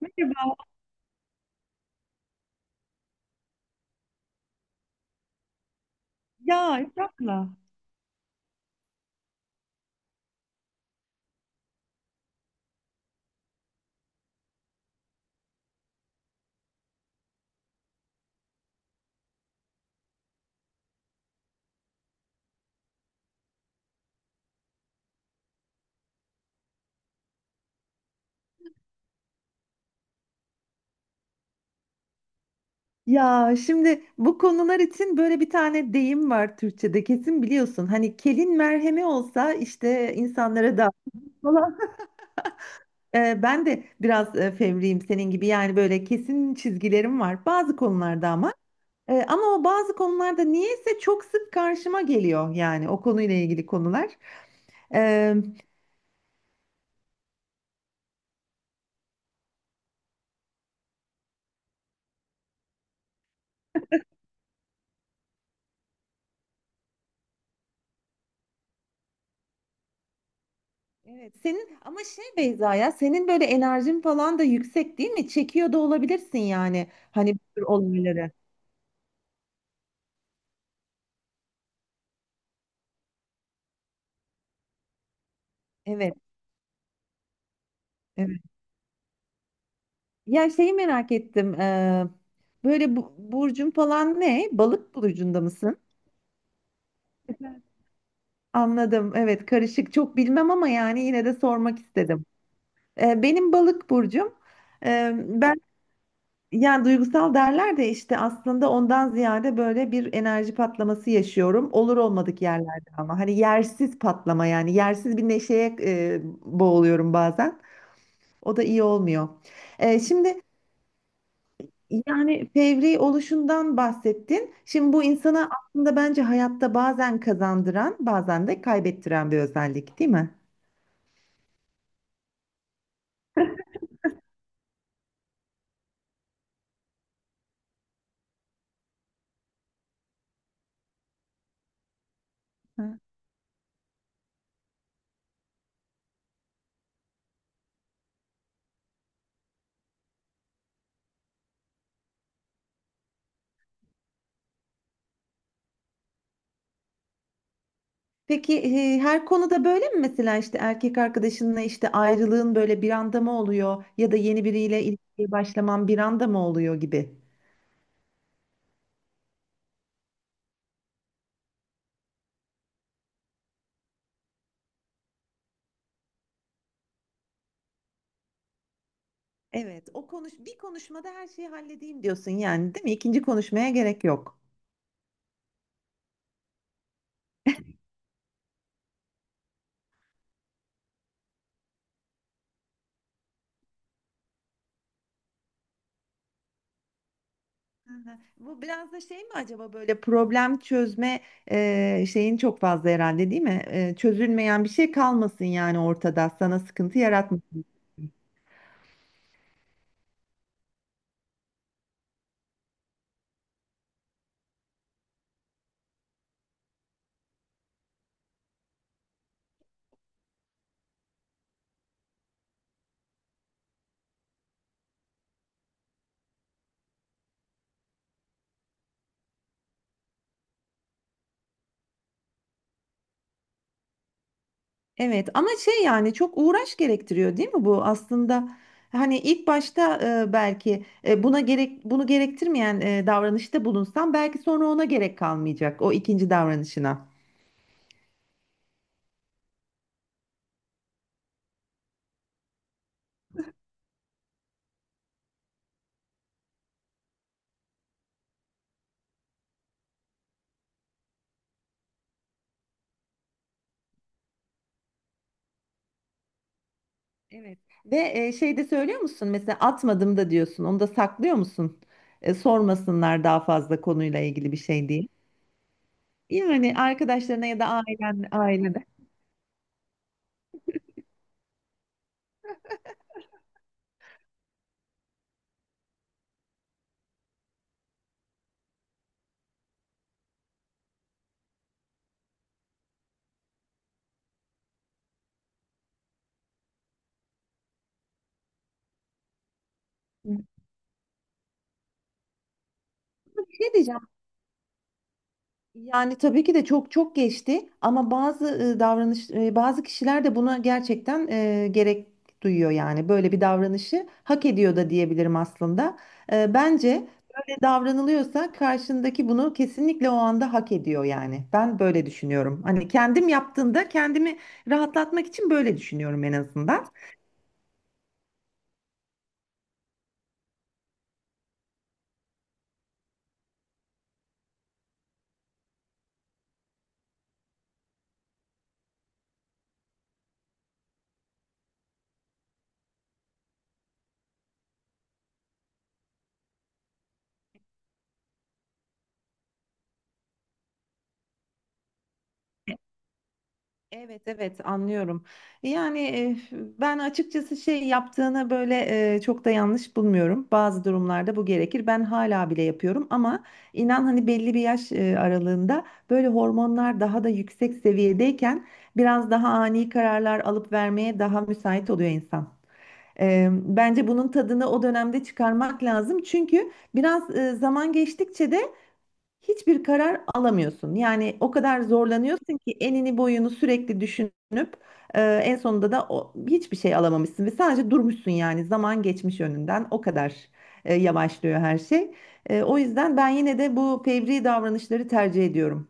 Merhaba. Ya Esra'la. Ya şimdi bu konular için böyle bir tane deyim var Türkçe'de kesin biliyorsun. Hani kelin merhemi olsa işte insanlara da falan. Ben de biraz fevriyim senin gibi yani böyle kesin çizgilerim var bazı konularda ama. Ama o bazı konularda niyeyse çok sık karşıma geliyor yani o konuyla ilgili konular. Ee, Evet, senin ama şey Beyza ya senin böyle enerjin falan da yüksek değil mi? Çekiyor da olabilirsin yani hani bu tür olayları. Evet, evet. Ya şeyi merak ettim. Böyle bu, burcun falan ne? Balık burcunda mısın? Evet. Anladım. Evet, karışık. Çok bilmem ama yani yine de sormak istedim. Benim balık burcum. Ben Yani duygusal derler de işte aslında ondan ziyade böyle bir enerji patlaması yaşıyorum. Olur olmadık yerlerde ama hani yersiz patlama yani yersiz bir neşeye boğuluyorum bazen. O da iyi olmuyor. Şimdi yani fevri oluşundan bahsettin. Şimdi bu insana aslında bence hayatta bazen kazandıran bazen de kaybettiren bir özellik değil mi? Peki her konuda böyle mi mesela işte erkek arkadaşınla işte ayrılığın böyle bir anda mı oluyor ya da yeni biriyle ilişkiye başlaman bir anda mı oluyor gibi? Evet, o konuş bir konuşmada her şeyi halledeyim diyorsun yani değil mi? İkinci konuşmaya gerek yok. Hı hı. Bu biraz da şey mi acaba böyle problem çözme şeyin çok fazla herhalde değil mi? Çözülmeyen bir şey kalmasın yani ortada sana sıkıntı yaratmasın. Evet ama şey yani çok uğraş gerektiriyor değil mi bu aslında hani ilk başta belki buna gerek bunu gerektirmeyen davranışta bulunsan belki sonra ona gerek kalmayacak o ikinci davranışına. Evet. Ve şey de söylüyor musun mesela atmadım da diyorsun onu da saklıyor musun? Sormasınlar daha fazla konuyla ilgili bir şey diye. Yani arkadaşlarına ya da ailen ailede. Hı. Bir şey diyeceğim. Yani tabii ki de çok çok geçti ama bazı davranış bazı kişiler de buna gerçekten gerek duyuyor yani böyle bir davranışı hak ediyor da diyebilirim aslında. Bence böyle davranılıyorsa karşındaki bunu kesinlikle o anda hak ediyor yani. Ben böyle düşünüyorum. Hani kendim yaptığımda kendimi rahatlatmak için böyle düşünüyorum en azından. Evet, evet, anlıyorum. Yani ben açıkçası şey yaptığını böyle çok da yanlış bulmuyorum. Bazı durumlarda bu gerekir. Ben hala bile yapıyorum ama inan hani belli bir yaş aralığında böyle hormonlar daha da yüksek seviyedeyken biraz daha ani kararlar alıp vermeye daha müsait oluyor insan. Bence bunun tadını o dönemde çıkarmak lazım. Çünkü biraz zaman geçtikçe de hiçbir karar alamıyorsun. Yani o kadar zorlanıyorsun ki enini boyunu sürekli düşünüp en sonunda da o, hiçbir şey alamamışsın ve sadece durmuşsun yani zaman geçmiş önünden o kadar yavaşlıyor her şey. O yüzden ben yine de bu fevri davranışları tercih ediyorum.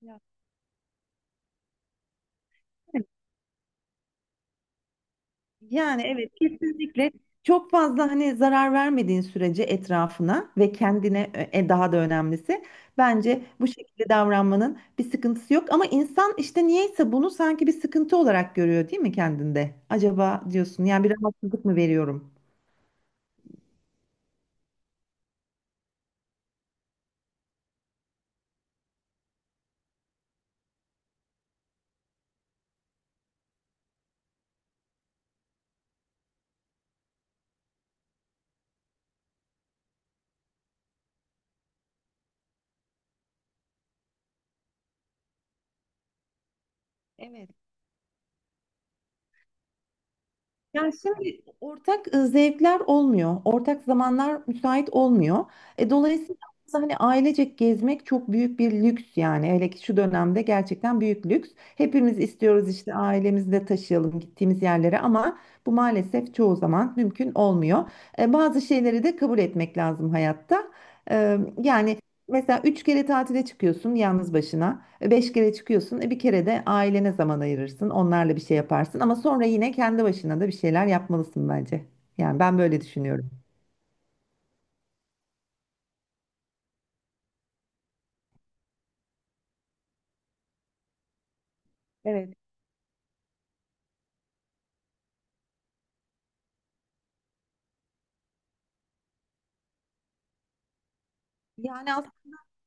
Ya yani evet, kesinlikle çok fazla hani zarar vermediğin sürece etrafına ve kendine daha da önemlisi bence bu şekilde davranmanın bir sıkıntısı yok ama insan işte niyeyse bunu sanki bir sıkıntı olarak görüyor değil mi kendinde? Acaba diyorsun yani bir rahatsızlık mı veriyorum? Evet. Yani şimdi ortak zevkler olmuyor. Ortak zamanlar müsait olmuyor. Dolayısıyla aslında hani ailecek gezmek çok büyük bir lüks yani. Hele ki şu dönemde gerçekten büyük lüks. Hepimiz istiyoruz işte ailemizi de taşıyalım gittiğimiz yerlere ama bu maalesef çoğu zaman mümkün olmuyor. Bazı şeyleri de kabul etmek lazım hayatta. Yani mesela üç kere tatile çıkıyorsun yalnız başına. Beş kere çıkıyorsun. E bir kere de ailene zaman ayırırsın. Onlarla bir şey yaparsın. Ama sonra yine kendi başına da bir şeyler yapmalısın bence. Yani ben böyle düşünüyorum. Evet. Yani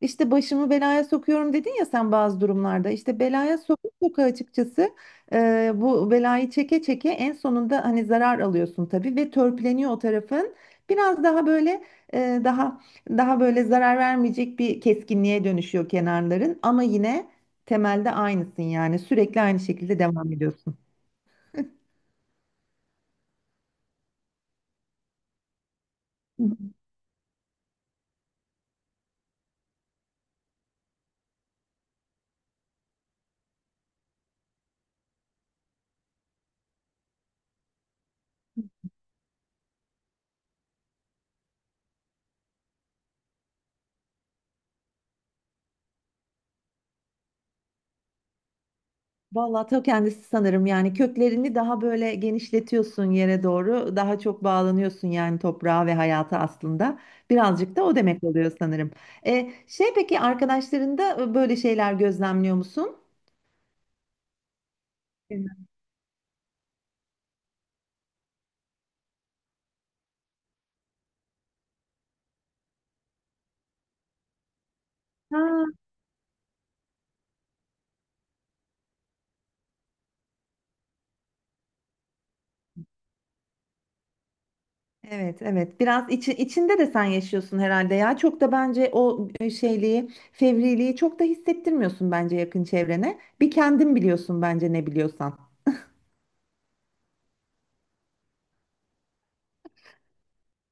İşte başımı belaya sokuyorum dedin ya sen bazı durumlarda. İşte belaya sokup soka açıkçası bu belayı çeke çeke en sonunda hani zarar alıyorsun tabii ve törpüleniyor o tarafın. Biraz daha böyle e, daha daha böyle zarar vermeyecek bir keskinliğe dönüşüyor kenarların ama yine temelde aynısın yani sürekli aynı şekilde devam ediyorsun. Vallahi ta kendisi sanırım yani köklerini daha böyle genişletiyorsun yere doğru daha çok bağlanıyorsun yani toprağa ve hayata aslında birazcık da o demek oluyor sanırım. Şey peki arkadaşlarında böyle şeyler gözlemliyor musun? Bilmem. Ha, evet, evet, biraz içinde de sen yaşıyorsun herhalde ya çok da bence o şeyliği fevriliği çok da hissettirmiyorsun bence yakın çevrene bir kendin biliyorsun bence ne biliyorsan.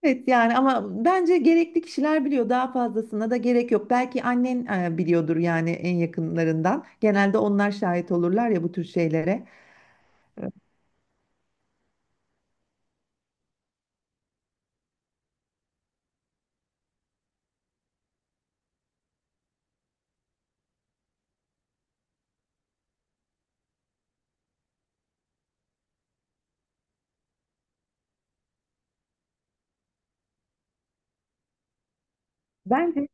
Evet yani ama bence gerekli kişiler biliyor daha fazlasına da gerek yok. Belki annen biliyordur yani en yakınlarından. Genelde onlar şahit olurlar ya bu tür şeylere. Bence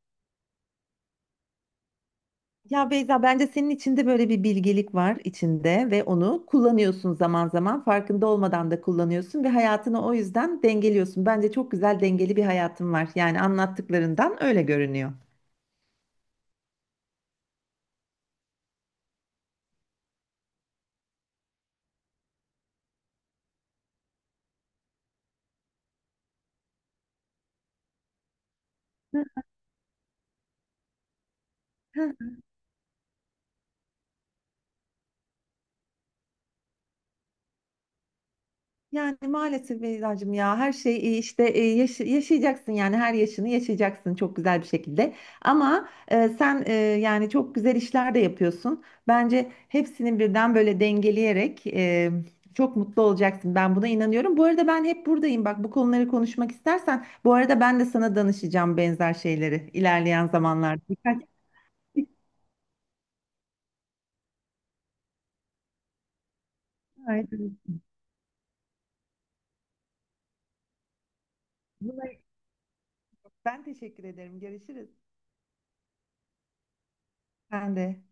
ya Beyza bence senin içinde böyle bir bilgelik var içinde ve onu kullanıyorsun zaman zaman farkında olmadan da kullanıyorsun ve hayatını o yüzden dengeliyorsun. Bence çok güzel dengeli bir hayatın var. Yani anlattıklarından öyle görünüyor. Hı, yani maalesef Beyza'cığım ya her şey işte yaşayacaksın yani her yaşını yaşayacaksın çok güzel bir şekilde. Ama sen yani çok güzel işler de yapıyorsun. Bence hepsini birden böyle dengeleyerek çok mutlu olacaksın. Ben buna inanıyorum. Bu arada ben hep buradayım. Bak bu konuları konuşmak istersen bu arada ben de sana danışacağım benzer şeyleri ilerleyen zamanlarda. Birkaç. Rica Buna- Ben teşekkür ederim. Görüşürüz. Ben de.